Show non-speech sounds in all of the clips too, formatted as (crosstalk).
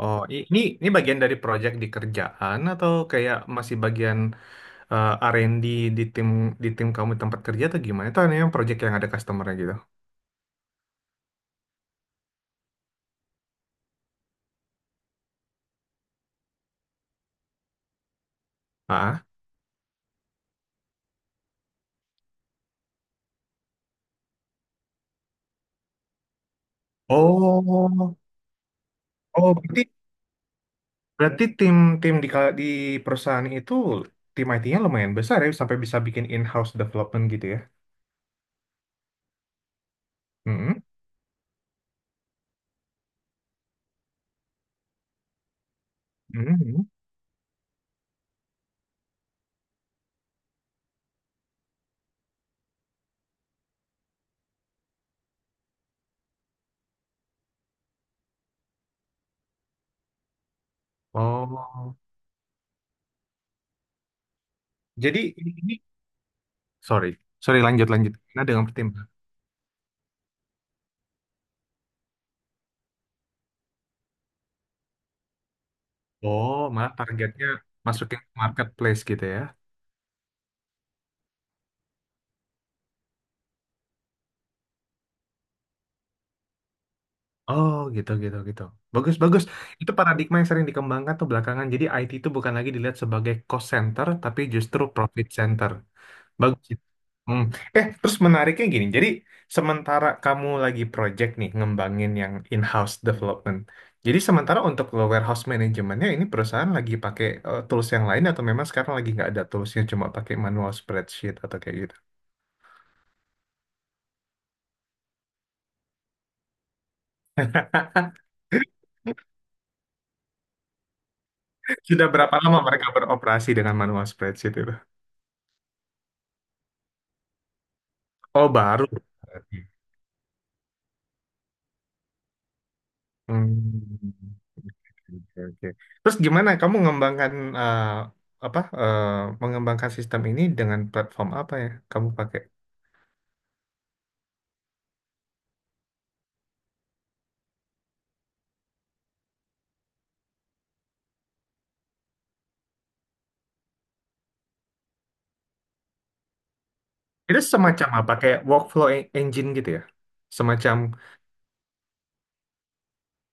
Oh, ini bagian dari proyek di kerjaan atau kayak masih bagian R&D di tim di tim kamu di tempat kerja atau gimana? Itu yang proyek yang ada customer-nya gitu. Ah. Oh. Oh, berarti berarti tim tim di ka- di perusahaan itu tim IT-nya lumayan besar ya sampai bisa bikin in-house development gitu ya. Mm-mm. Mm-mm. Oh. Jadi ini Sorry. Sorry, lanjut lanjut. Nah, dengan tim. Oh, malah targetnya masukin marketplace gitu ya. Oh gitu gitu gitu. Bagus bagus. Itu paradigma yang sering dikembangkan tuh belakangan. Jadi IT itu bukan lagi dilihat sebagai cost center, tapi justru profit center. Bagus itu. Hmm. Terus menariknya gini. Jadi sementara kamu lagi project nih ngembangin yang in-house development. Jadi sementara untuk warehouse manajemennya ini perusahaan lagi pakai tools yang lain atau memang sekarang lagi nggak ada toolsnya cuma pakai manual spreadsheet atau kayak gitu. (laughs) Sudah berapa lama mereka beroperasi dengan manual spreadsheet itu? Oh baru. Hmm. Oke, oke. Terus gimana kamu mengembangkan eh, apa eh, mengembangkan sistem ini dengan platform apa ya kamu pakai? Itu semacam apa kayak workflow engine gitu ya? Semacam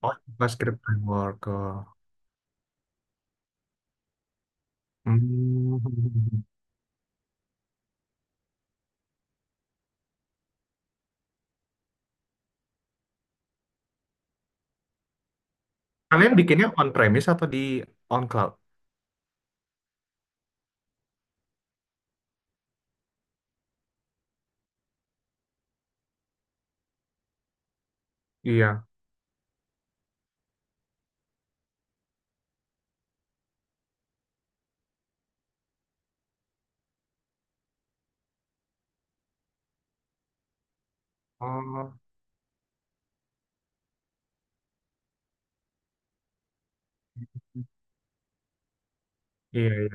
oh, JavaScript framework. Oh. Hmm. Kalian bikinnya on premise atau on cloud? Iya. Oh, iya iya.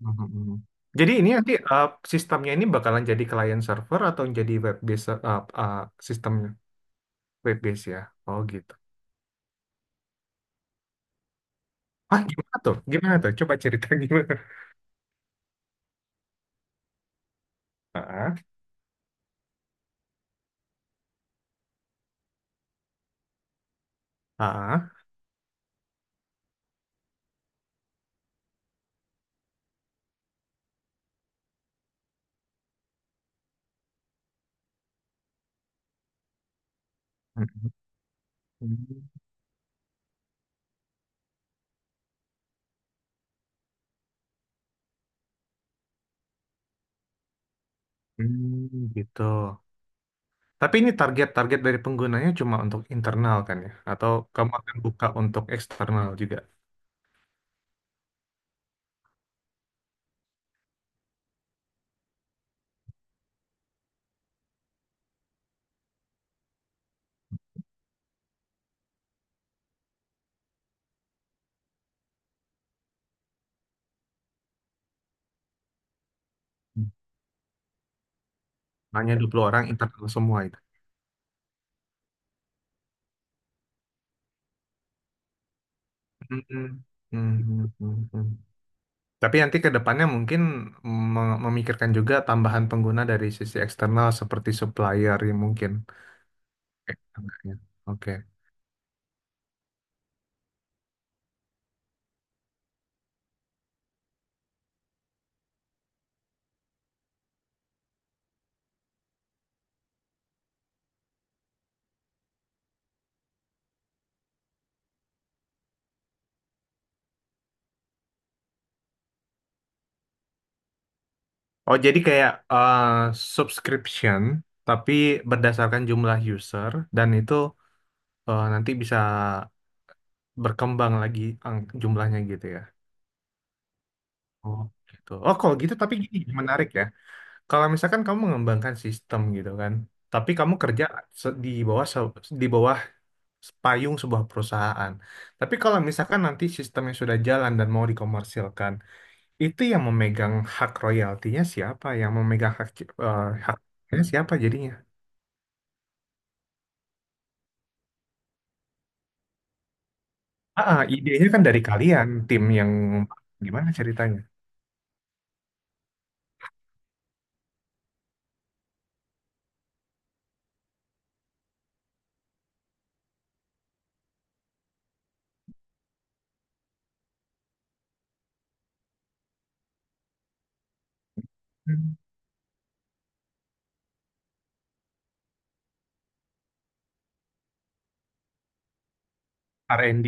Hmm. Hmm, hmm. Jadi ini nanti sistemnya ini bakalan jadi client server atau jadi web based sistemnya? Web base ya. Oh gitu. Ah gimana tuh? Gimana tuh? Coba cerita gimana. (laughs) Ah, ah. Hmm, hmm, gitu. Tapi ini target-target dari penggunanya cuma untuk internal kan ya? Atau kamu akan buka untuk eksternal juga? Hanya 20 orang internal semua itu. Hmm, hmm, hmm, hmm, hmm. Tapi nanti ke depannya mungkin memikirkan juga tambahan pengguna dari sisi eksternal seperti supplier ya mungkin. Oke. Oke. Oh, jadi kayak subscription, tapi berdasarkan jumlah user, dan itu nanti bisa berkembang lagi jumlahnya gitu ya. Oh, gitu. Oh, kalau gitu, tapi gini, menarik ya. Kalau misalkan kamu mengembangkan sistem gitu kan, tapi kamu kerja se- di bawah se- di bawah payung sebuah perusahaan. Tapi kalau misalkan nanti sistemnya sudah jalan dan mau dikomersilkan, itu yang memegang hak royaltinya siapa? Yang memegang hak haknya siapa jadinya? Ah, idenya kan dari kalian, tim yang gimana ceritanya? Hmm. R&D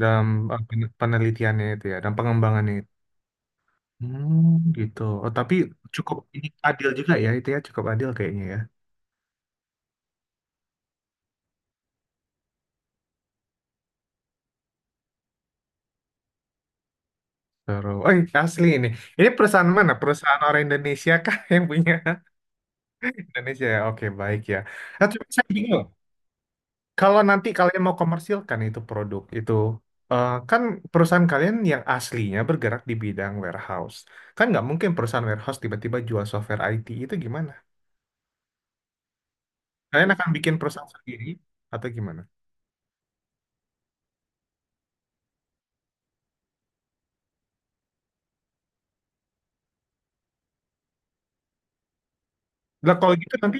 dalam penelitiannya itu ya, dan pengembangannya itu. Hmm, gitu. Oh, tapi cukup ini adil juga ya itu ya, cukup adil kayaknya ya. Terus, oh asli ini. Ini perusahaan mana? Perusahaan orang Indonesia kah yang punya (laughs) Indonesia ya? Oke, baik ya. Nah, tapi saya bingung. Kalau nanti kalian mau komersilkan itu produk itu, kan perusahaan kalian yang aslinya bergerak di bidang warehouse. Kan nggak mungkin perusahaan warehouse tiba-tiba jual software IT itu gimana? Kalian akan bikin perusahaan sendiri atau gimana? Lah kalau gitu nanti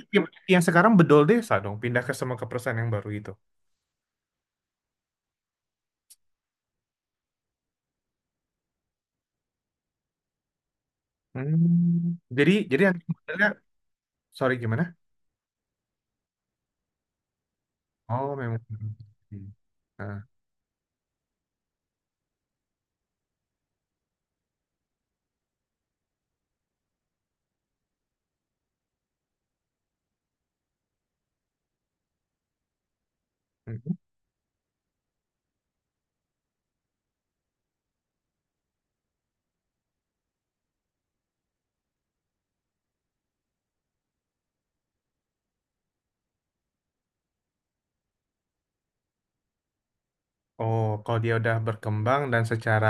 yang sekarang bedol desa dong, pindah ke semua ke perusahaan yang baru itu. Hmm. Jadi nanti modelnya, sorry gimana? Oh memang. Hmm. Nah, mhm. Oh kalau dia udah berkembang dan secara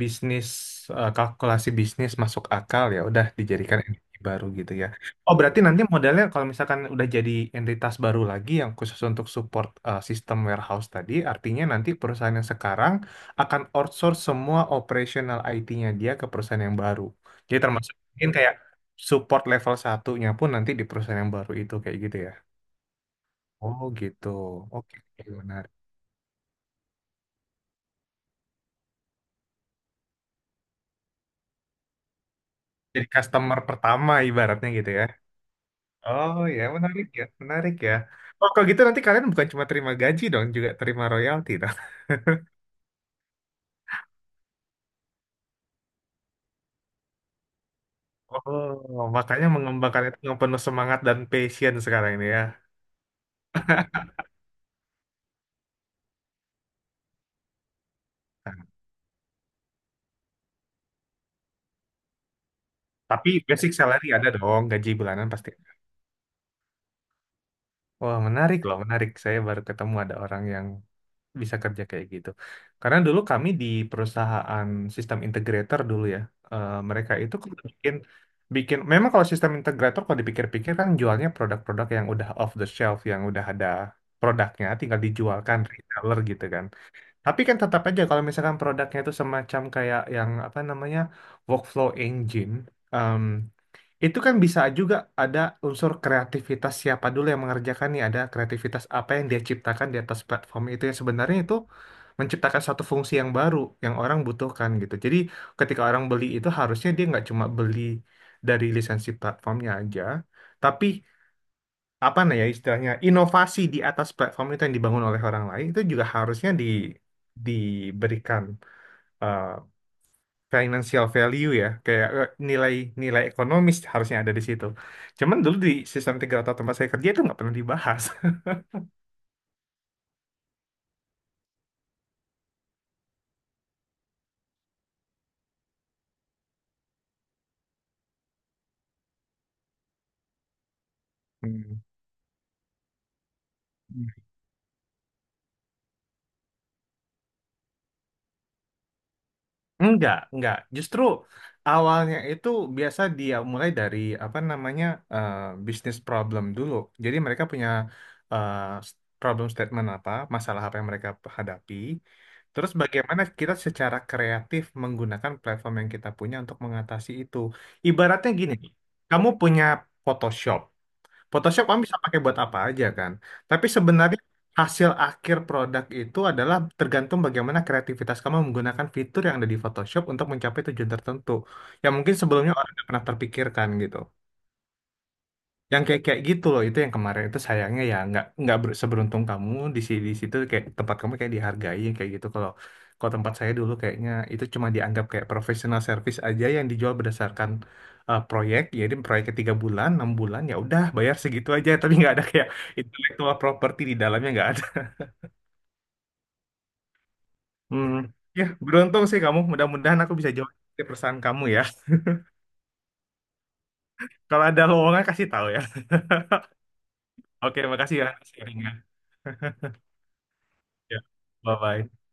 bisnis kalkulasi bisnis masuk akal ya udah dijadikan Ya. Baru gitu ya. Oh berarti nanti modelnya kalau misalkan udah jadi entitas baru lagi yang khusus untuk support sistem warehouse tadi, artinya nanti perusahaan yang sekarang akan outsource semua operational IT-nya dia ke perusahaan yang baru. Jadi termasuk mungkin kayak support level satunya pun nanti di perusahaan yang baru itu kayak gitu ya. Oh gitu. Oke, oke, menarik. Jadi customer pertama ibaratnya gitu ya. Oh ya, menarik ya, menarik ya. Oh, kalau gitu nanti kalian bukan cuma terima gaji dong, juga terima royalti dong. Oh, (laughs) makanya mengembangkan itu yang penuh semangat dan passion sekarang ini ya. Nah, tapi basic salary ada dong, gaji bulanan pasti. Wah, menarik loh, menarik. Saya baru ketemu ada orang yang bisa kerja kayak gitu. Karena dulu kami di perusahaan sistem integrator dulu ya, mereka itu kan bikin bikin memang kalau sistem integrator kalau dipikir-pikir kan jualnya produk-produk yang udah off the shelf yang udah ada produknya tinggal dijualkan reseller gitu kan. Tapi kan tetap aja kalau misalkan produknya itu semacam kayak yang apa namanya workflow engine em, itu kan bisa juga ada unsur kreativitas siapa dulu yang mengerjakan nih, ada kreativitas apa yang dia ciptakan di atas platform itu yang sebenarnya itu menciptakan suatu fungsi yang baru yang orang butuhkan gitu. Jadi ketika orang beli itu harusnya dia nggak cuma beli dari lisensi platformnya aja, tapi apa nah ya istilahnya inovasi di atas platform itu yang dibangun oleh orang lain itu juga harusnya diberikan eh, financial value ya kayak nilai nilai ekonomis harusnya ada di situ. Cuman dulu di sistem tiga atau tempat saya kerja itu nggak pernah dibahas. (laughs) Hmm. Enggak, enggak. Justru awalnya itu biasa dia mulai dari apa namanya eh, bisnis problem dulu. Jadi mereka punya eh, s- problem statement apa, masalah apa yang mereka hadapi. Terus bagaimana kita secara kreatif menggunakan platform yang kita punya untuk mengatasi itu. Ibaratnya gini, kamu punya Photoshop. Photoshop kamu bisa pakai buat apa aja kan. Tapi sebenarnya hasil akhir produk itu adalah tergantung bagaimana kreativitas kamu menggunakan fitur yang ada di Photoshop untuk mencapai tujuan tertentu. Yang mungkin sebelumnya orang nggak pernah terpikirkan gitu yang kayak kayak gitu loh itu yang kemarin itu sayangnya ya nggak seberuntung kamu di di situ kayak tempat kamu kayak dihargai kayak gitu kalau kalau tempat saya dulu kayaknya itu cuma dianggap kayak professional service aja yang dijual berdasarkan proyek jadi proyeknya 3 bulan 6 bulan ya udah bayar segitu aja tapi nggak ada kayak intellectual property di dalamnya nggak ada hmm. Ya beruntung sih kamu mudah-mudahan aku bisa jawab perusahaan kamu ya (laughs) kalau ada lowongan kasih tahu ya oke makasih ya sharingnya ya bye bye.